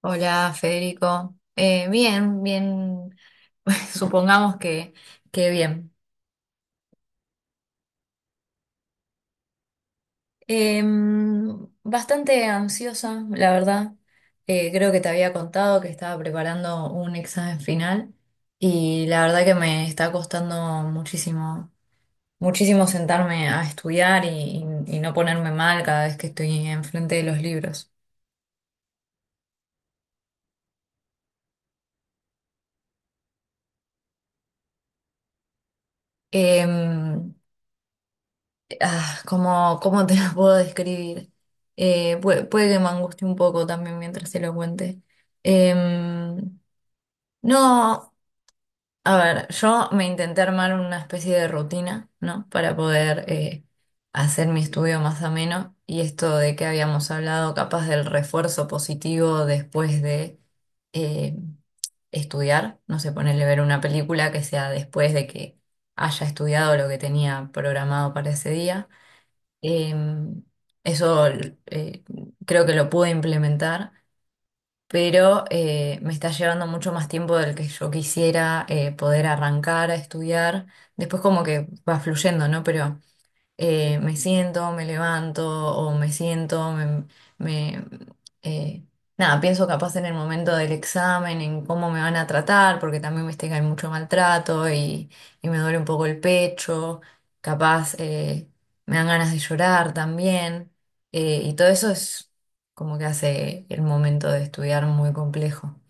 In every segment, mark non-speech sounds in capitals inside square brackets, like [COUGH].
Hola, Federico. Bien, bien, [LAUGHS] supongamos que bien. Bastante ansiosa, la verdad. Creo que te había contado que estaba preparando un examen final y la verdad que me está costando muchísimo, muchísimo sentarme a estudiar y no ponerme mal cada vez que estoy enfrente de los libros. Em, Ah, ¿cómo te lo puedo describir? Puede que me angustie un poco también mientras se lo cuente. Em, no, a ver, yo me intenté armar una especie de rutina, ¿no? Para poder hacer mi estudio más ameno y esto de que habíamos hablado, capaz del refuerzo positivo después de eh, estudiar, no sé, ponerle ver una película que sea después de que haya estudiado lo que tenía programado para ese día. Em, Eso eh, creo que lo pude implementar, pero me está llevando mucho más tiempo del que yo quisiera poder arrancar a estudiar. Después como que va fluyendo, ¿no? Pero me siento, me levanto o me siento, me, eh, nada, pienso capaz en el momento del examen, en cómo me van a tratar, porque también viste que hay mucho maltrato y me duele un poco el pecho, capaz me dan ganas de llorar también, y todo eso es como que hace el momento de estudiar muy complejo.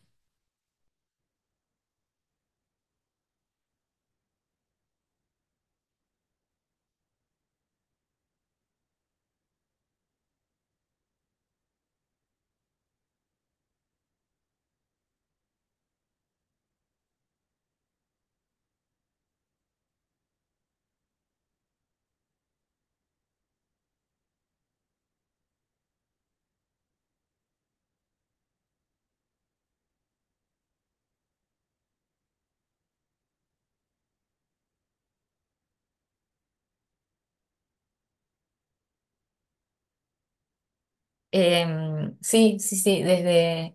Sí, sí, sí, desde...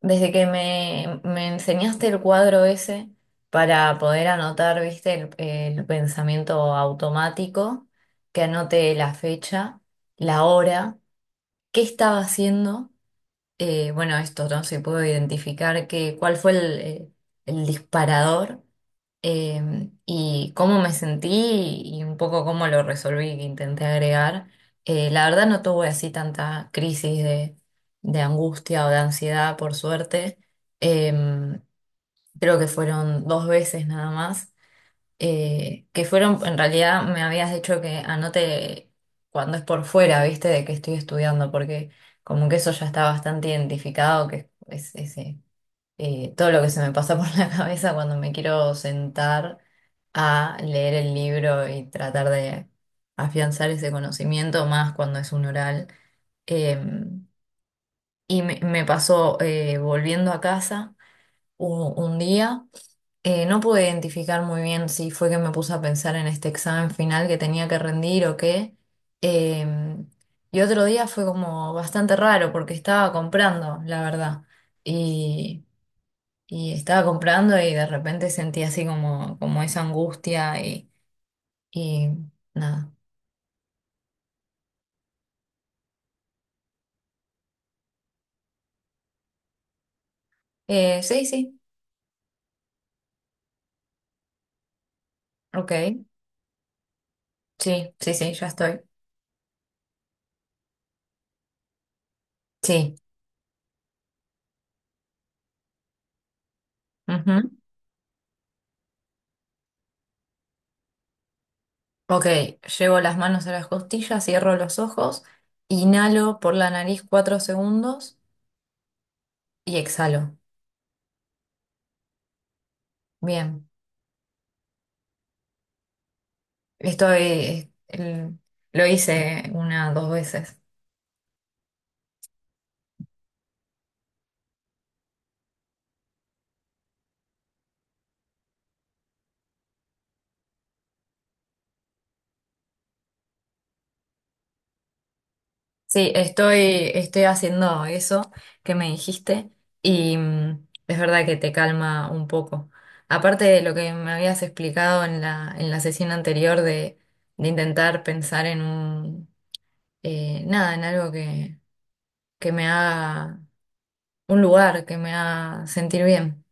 Desde que me enseñaste el cuadro ese para poder anotar, viste, el pensamiento automático, que anote la fecha, la hora, qué estaba haciendo bueno, esto, ¿no? Se puedo identificar que, cuál fue el disparador y cómo me sentí y un poco cómo lo resolví, que intenté agregar. La verdad no tuve así tanta crisis de angustia o de ansiedad, por suerte. Em, Creo que fueron dos veces nada más que fueron, en realidad me habías dicho que anote cuando es por fuera, viste, de que estoy estudiando, porque como que eso ya está bastante identificado, que todo lo que se me pasa por [LAUGHS] la cabeza cuando me quiero sentar a leer el libro y tratar de afianzar ese conocimiento, más cuando es un oral. Em, y me pasó volviendo a casa un día. No pude identificar muy bien si fue que me puse a pensar en este examen final que tenía que rendir o qué. Em, y otro día fue como bastante raro porque estaba comprando, la verdad. Y, y estaba comprando y de repente sentí así como, como esa angustia y nada. Sí, sí, ok. Sí, sí, sí, ya estoy. Sí. Ujú. Ok, llevo las manos a las costillas, cierro los ojos, inhalo por la nariz cuatro segundos. Y exhalo. Bien. Estoy, el- lo hice una, dos veces. Sí, estoy, estoy haciendo eso que me dijiste y mm, es verdad que te calma un poco. Aparte de lo que me habías explicado en en la sesión anterior de intentar pensar en un, nada, en algo que me haga, un lugar que me haga sentir bien.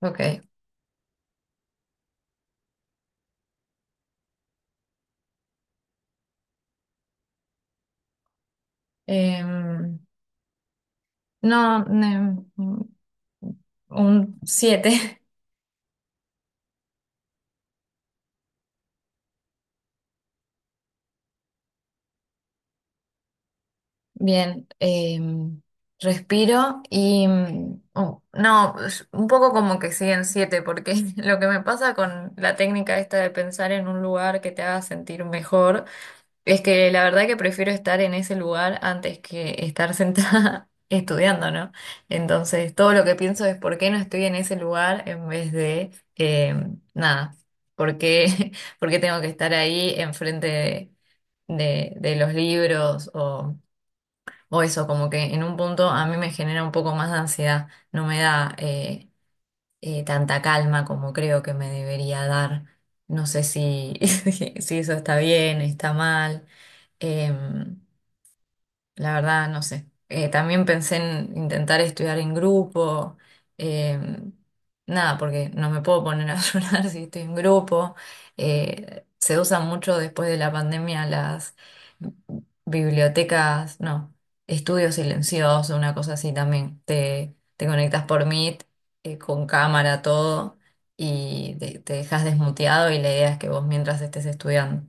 Ok. Em, no, ne- Un siete. [LAUGHS] Bien. Respiro y... mm, oh, no, es un poco como que siguen 7 porque [LAUGHS] lo que me pasa con la técnica esta de pensar en un lugar que te haga sentir mejor, es que la verdad que prefiero estar en ese lugar antes que estar sentada [LAUGHS] estudiando, ¿no? Entonces, todo lo que pienso es por qué no estoy en ese lugar en vez de... nada. ¿Por qué, [LAUGHS] por qué tengo que estar ahí enfrente de de los libros o eso, como que en un punto a mí me genera un poco más de ansiedad, no me da tanta calma como creo que me debería dar. No sé si, [LAUGHS] si eso está bien, está mal. Em, la verdad, no sé. También pensé en intentar estudiar en grupo. eh, Nada, porque no me puedo poner a [LAUGHS] llorar si estoy en grupo. Se usan mucho después de la pandemia las bibliotecas, no, estudio silencioso, una cosa así también. Te conectas por Meet, con cámara, todo, y te dejas desmuteado y la idea es que vos mientras estés estudiando.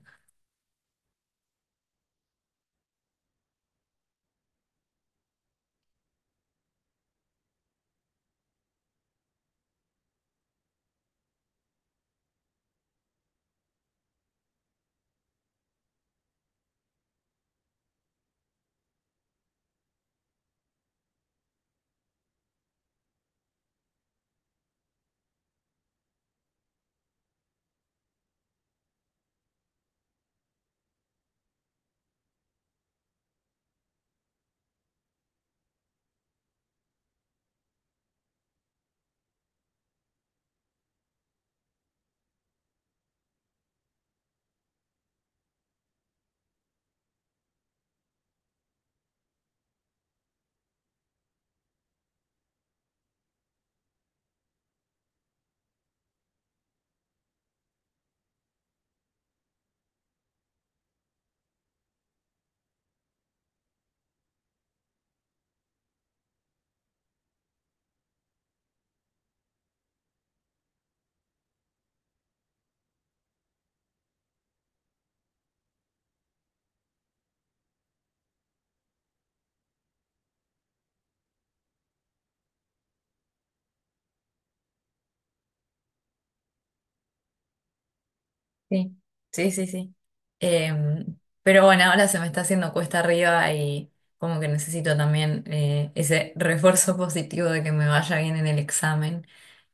Sí, sí, sí, sí. Em, pero bueno, ahora se me está haciendo cuesta arriba y como que necesito también ese refuerzo positivo de que me vaya bien en el examen,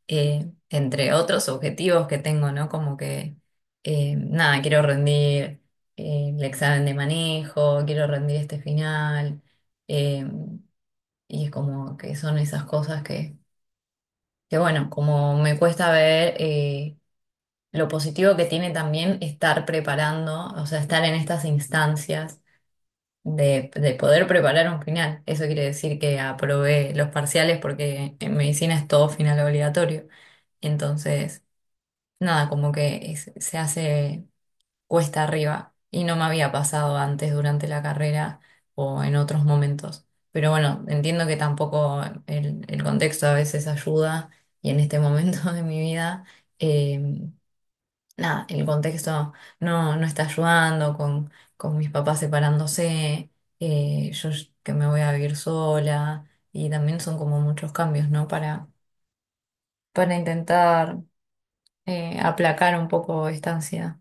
entre otros objetivos que tengo, ¿no? Como que, nada, quiero rendir el examen de manejo, quiero rendir este final, em, y es como que son esas cosas que bueno, como me cuesta ver... lo positivo que tiene también estar preparando, o sea, estar en estas instancias de poder preparar un final. Eso quiere decir que aprobé los parciales porque en medicina es todo final obligatorio. Entonces, nada, como que es- se hace cuesta arriba y no me había pasado antes durante la carrera o en otros momentos. Pero bueno, entiendo que tampoco el contexto a veces ayuda y en este momento [LAUGHS] de mi vida. eh, Nada, el contexto no, no está ayudando con mis papás separándose, yo sh- que me voy a vivir sola, y también son como muchos cambios, ¿no? Para intentar aplacar un poco esta ansiedad.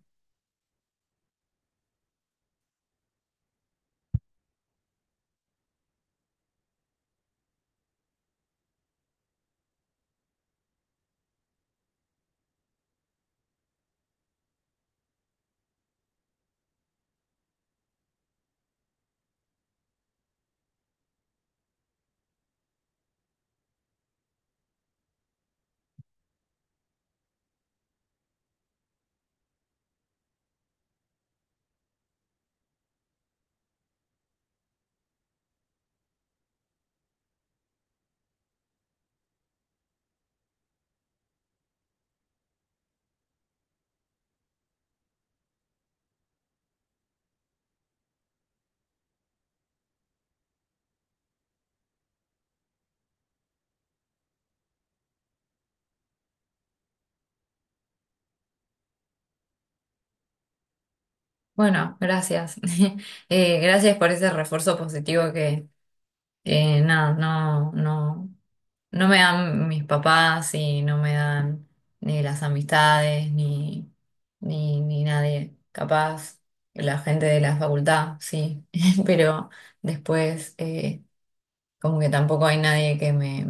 Bueno, gracias. [LAUGHS] Gracias por ese refuerzo positivo que nada, no, no. No me dan mis papás y no me dan ni las amistades, ni, ni, ni nadie. Capaz la gente de la facultad, sí, [LAUGHS] pero después como que tampoco hay nadie que me...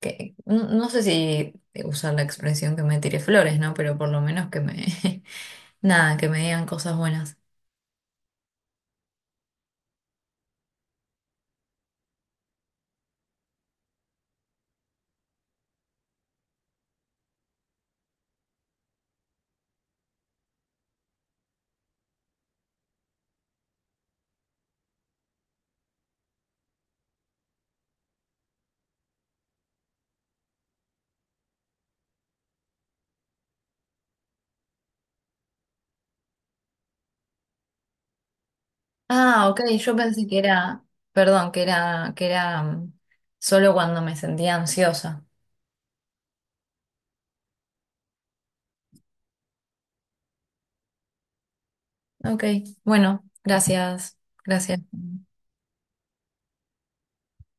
que- no, no sé si usar la expresión que me tire flores, ¿no? Pero por lo menos que me... [LAUGHS] Nada, que me digan cosas buenas. Ah, ok, yo pensé que era... Perdón, que era mm, solo cuando me sentía ansiosa. Ok, bueno, gracias, gracias.